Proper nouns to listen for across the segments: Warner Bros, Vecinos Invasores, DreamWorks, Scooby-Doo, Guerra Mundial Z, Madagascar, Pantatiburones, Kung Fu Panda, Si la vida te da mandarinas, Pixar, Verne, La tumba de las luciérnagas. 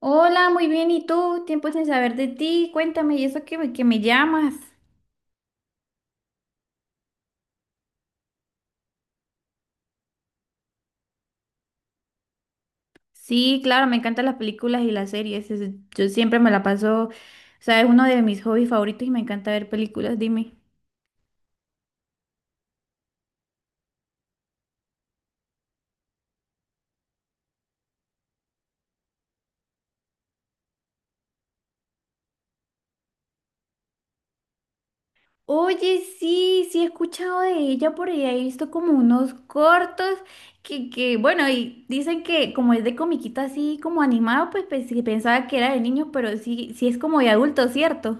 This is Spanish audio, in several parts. Hola, muy bien. ¿Y tú? Tiempo sin saber de ti. Cuéntame, ¿y eso que me llamas? Sí, claro, me encantan las películas y las series. Yo siempre me la paso, o sea, es uno de mis hobbies favoritos y me encanta ver películas. Dime. Oye, sí, sí he escuchado de ella por ahí, he visto como unos cortos bueno, y dicen que como es de comiquita así como animado, pues, sí, pensaba que era de niños, pero sí, sí es como de adulto, ¿cierto?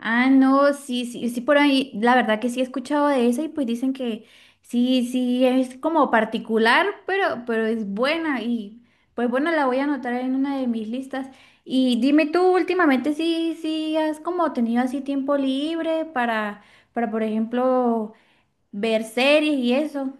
Ah, no, sí, sí, sí, por ahí, la verdad que sí he escuchado de esa y pues dicen que sí, sí, es como particular, pero es buena y pues bueno, la voy a anotar en una de mis listas. Y dime tú, últimamente sí, sí, has como tenido así tiempo libre para por ejemplo, ver series y eso.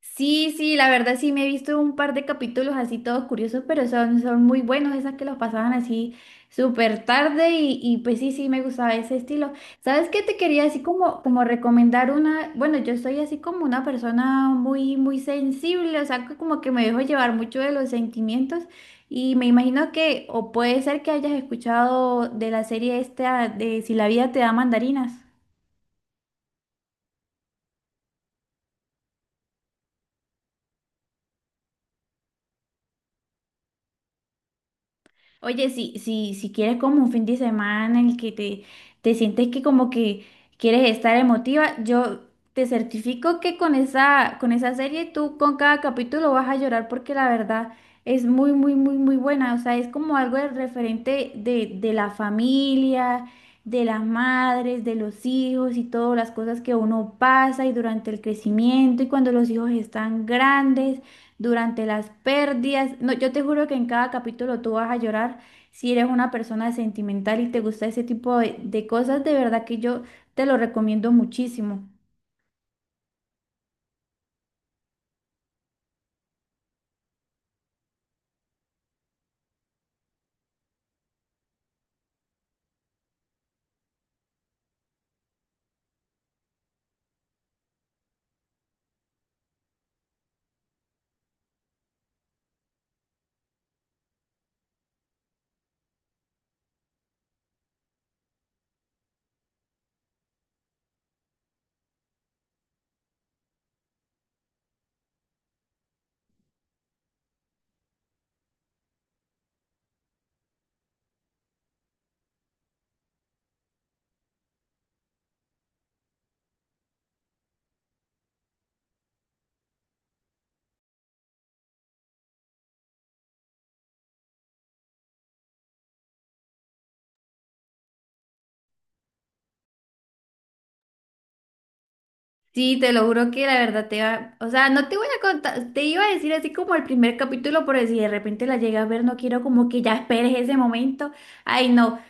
Sí, sí, la verdad sí me he visto un par de capítulos así todos curiosos, pero son muy buenos esas que los pasaban así súper tarde y pues sí, sí me gustaba ese estilo. ¿Sabes qué te quería así como, como recomendar una? Bueno, yo soy así como una persona muy sensible, o sea, que como que me dejo llevar mucho de los sentimientos y me imagino que, o puede ser que hayas escuchado de la serie esta de Si la Vida Te Da Mandarinas. Oye, si, si, si quieres como un fin de semana en el que te sientes que como que quieres estar emotiva, yo te certifico que con esa serie tú con cada capítulo vas a llorar porque la verdad es muy, muy, muy, muy buena. O sea, es como algo de referente de la familia, de las madres, de los hijos y todas las cosas que uno pasa y durante el crecimiento y cuando los hijos están grandes durante las pérdidas. No, yo te juro que en cada capítulo tú vas a llorar si eres una persona sentimental y te gusta ese tipo de cosas. De verdad que yo te lo recomiendo muchísimo. Sí, te lo juro que la verdad te va, o sea, no te voy a contar, te iba a decir así como el primer capítulo, pero si de repente la llegas a ver, no quiero como que ya esperes ese momento. Ay, no,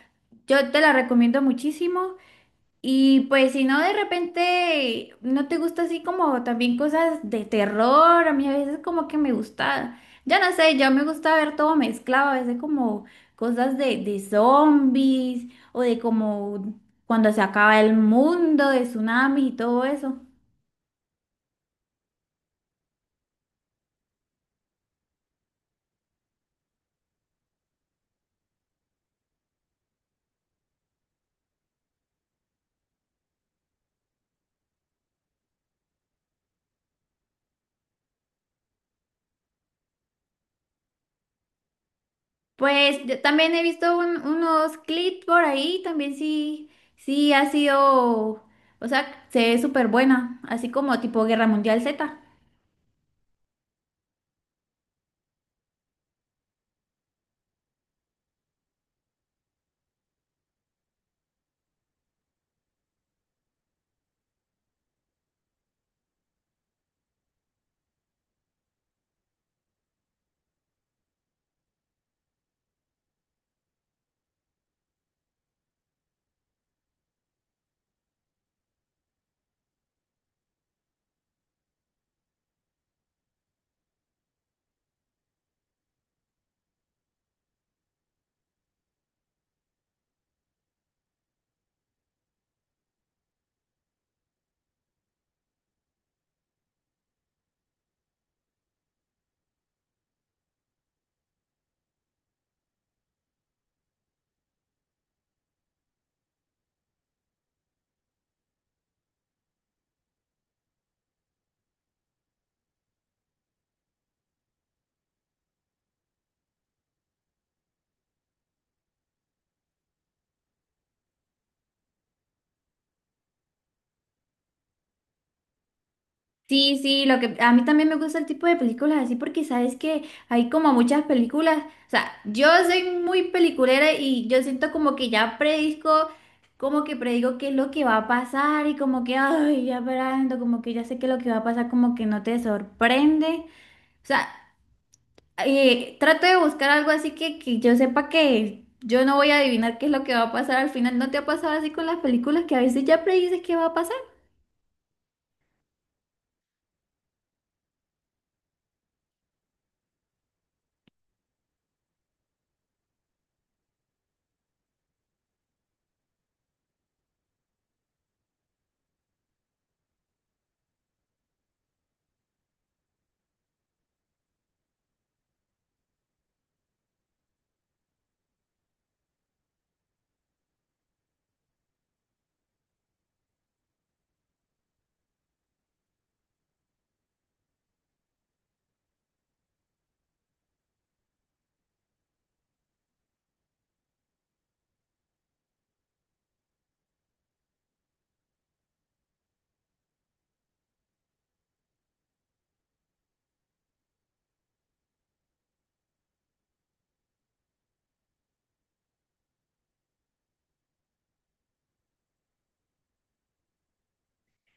yo te la recomiendo muchísimo. Y pues si no, de repente no te gusta así como también cosas de terror, a mí a veces como que me gusta, ya no sé, ya me gusta ver todo mezclado, a veces como cosas de zombies o de como cuando se acaba el mundo, de tsunami y todo eso. Pues yo también he visto unos clips por ahí, también sí, sí ha sido, o sea, se ve súper buena, así como tipo Guerra Mundial Z. Sí, sí, lo que a mí también me gusta el tipo de películas así porque sabes que hay como muchas películas, o sea, yo soy muy peliculera y yo siento como que ya predisco, como que predigo qué es lo que va a pasar y como que, ay, ya esperando, como que ya sé qué es lo que va a pasar, como que no te sorprende. O sea, trato de buscar algo así que yo sepa que yo no voy a adivinar qué es lo que va a pasar al final. ¿No te ha pasado así con las películas que a veces ya predices qué va a pasar?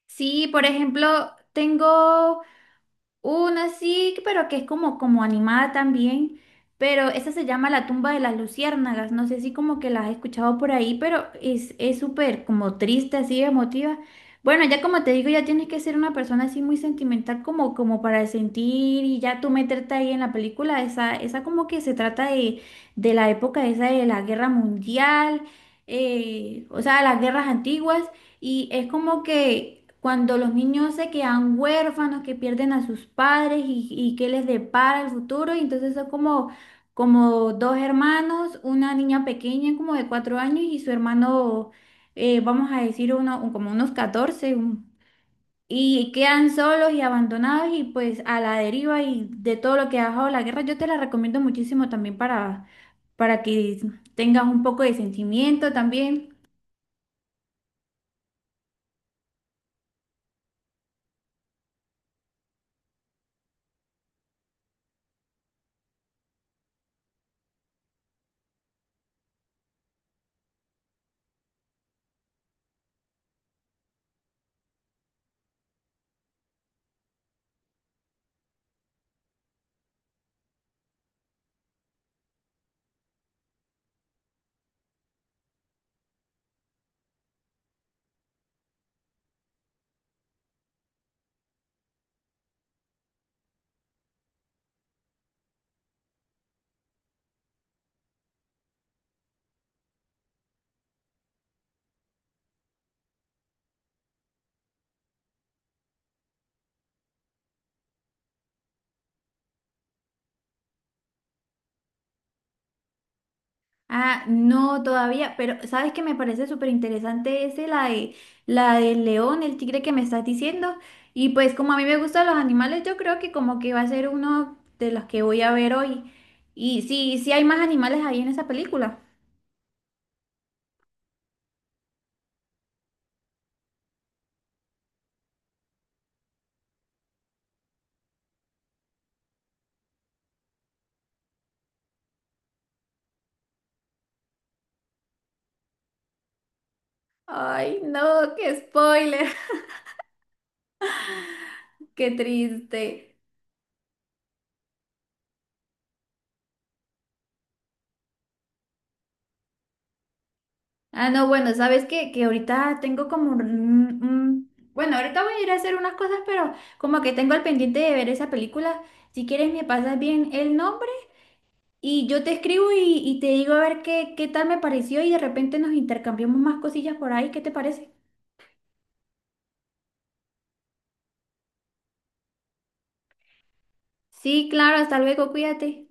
Sí, por ejemplo, tengo... Una sí, pero que es como, como animada también, pero esa se llama La Tumba de las Luciérnagas, no sé si como que la has escuchado por ahí, pero es súper como triste, así emotiva. Bueno, ya como te digo, ya tienes que ser una persona así muy sentimental como, como para sentir y ya tú meterte ahí en la película, esa como que se trata de la época esa de la guerra mundial, o sea, las guerras antiguas. Y es como que cuando los niños se quedan huérfanos, que pierden a sus padres y qué les depara el futuro, y entonces son como, como dos hermanos, una niña pequeña como de 4 años y su hermano, vamos a decir, uno, como unos 14 y quedan solos y abandonados y pues a la deriva y de todo lo que ha dejado la guerra, yo te la recomiendo muchísimo también para que tengas un poco de sentimiento también. Ah, no, todavía, pero ¿sabes qué me parece súper interesante ese, la de, la del león, el tigre que me estás diciendo? Y pues como a mí me gustan los animales, yo creo que como que va a ser uno de los que voy a ver hoy. Y sí, sí hay más animales ahí en esa película. Ay, no, qué spoiler, qué triste. Ah, no, bueno, ¿sabes qué? Que ahorita tengo como bueno, ahorita voy a ir a hacer unas cosas, pero como que tengo al pendiente de ver esa película. Si quieres me pasas bien el nombre y yo te escribo y te digo a ver qué, qué tal me pareció y de repente nos intercambiamos más cosillas por ahí, ¿qué te parece? Sí, claro, hasta luego, cuídate.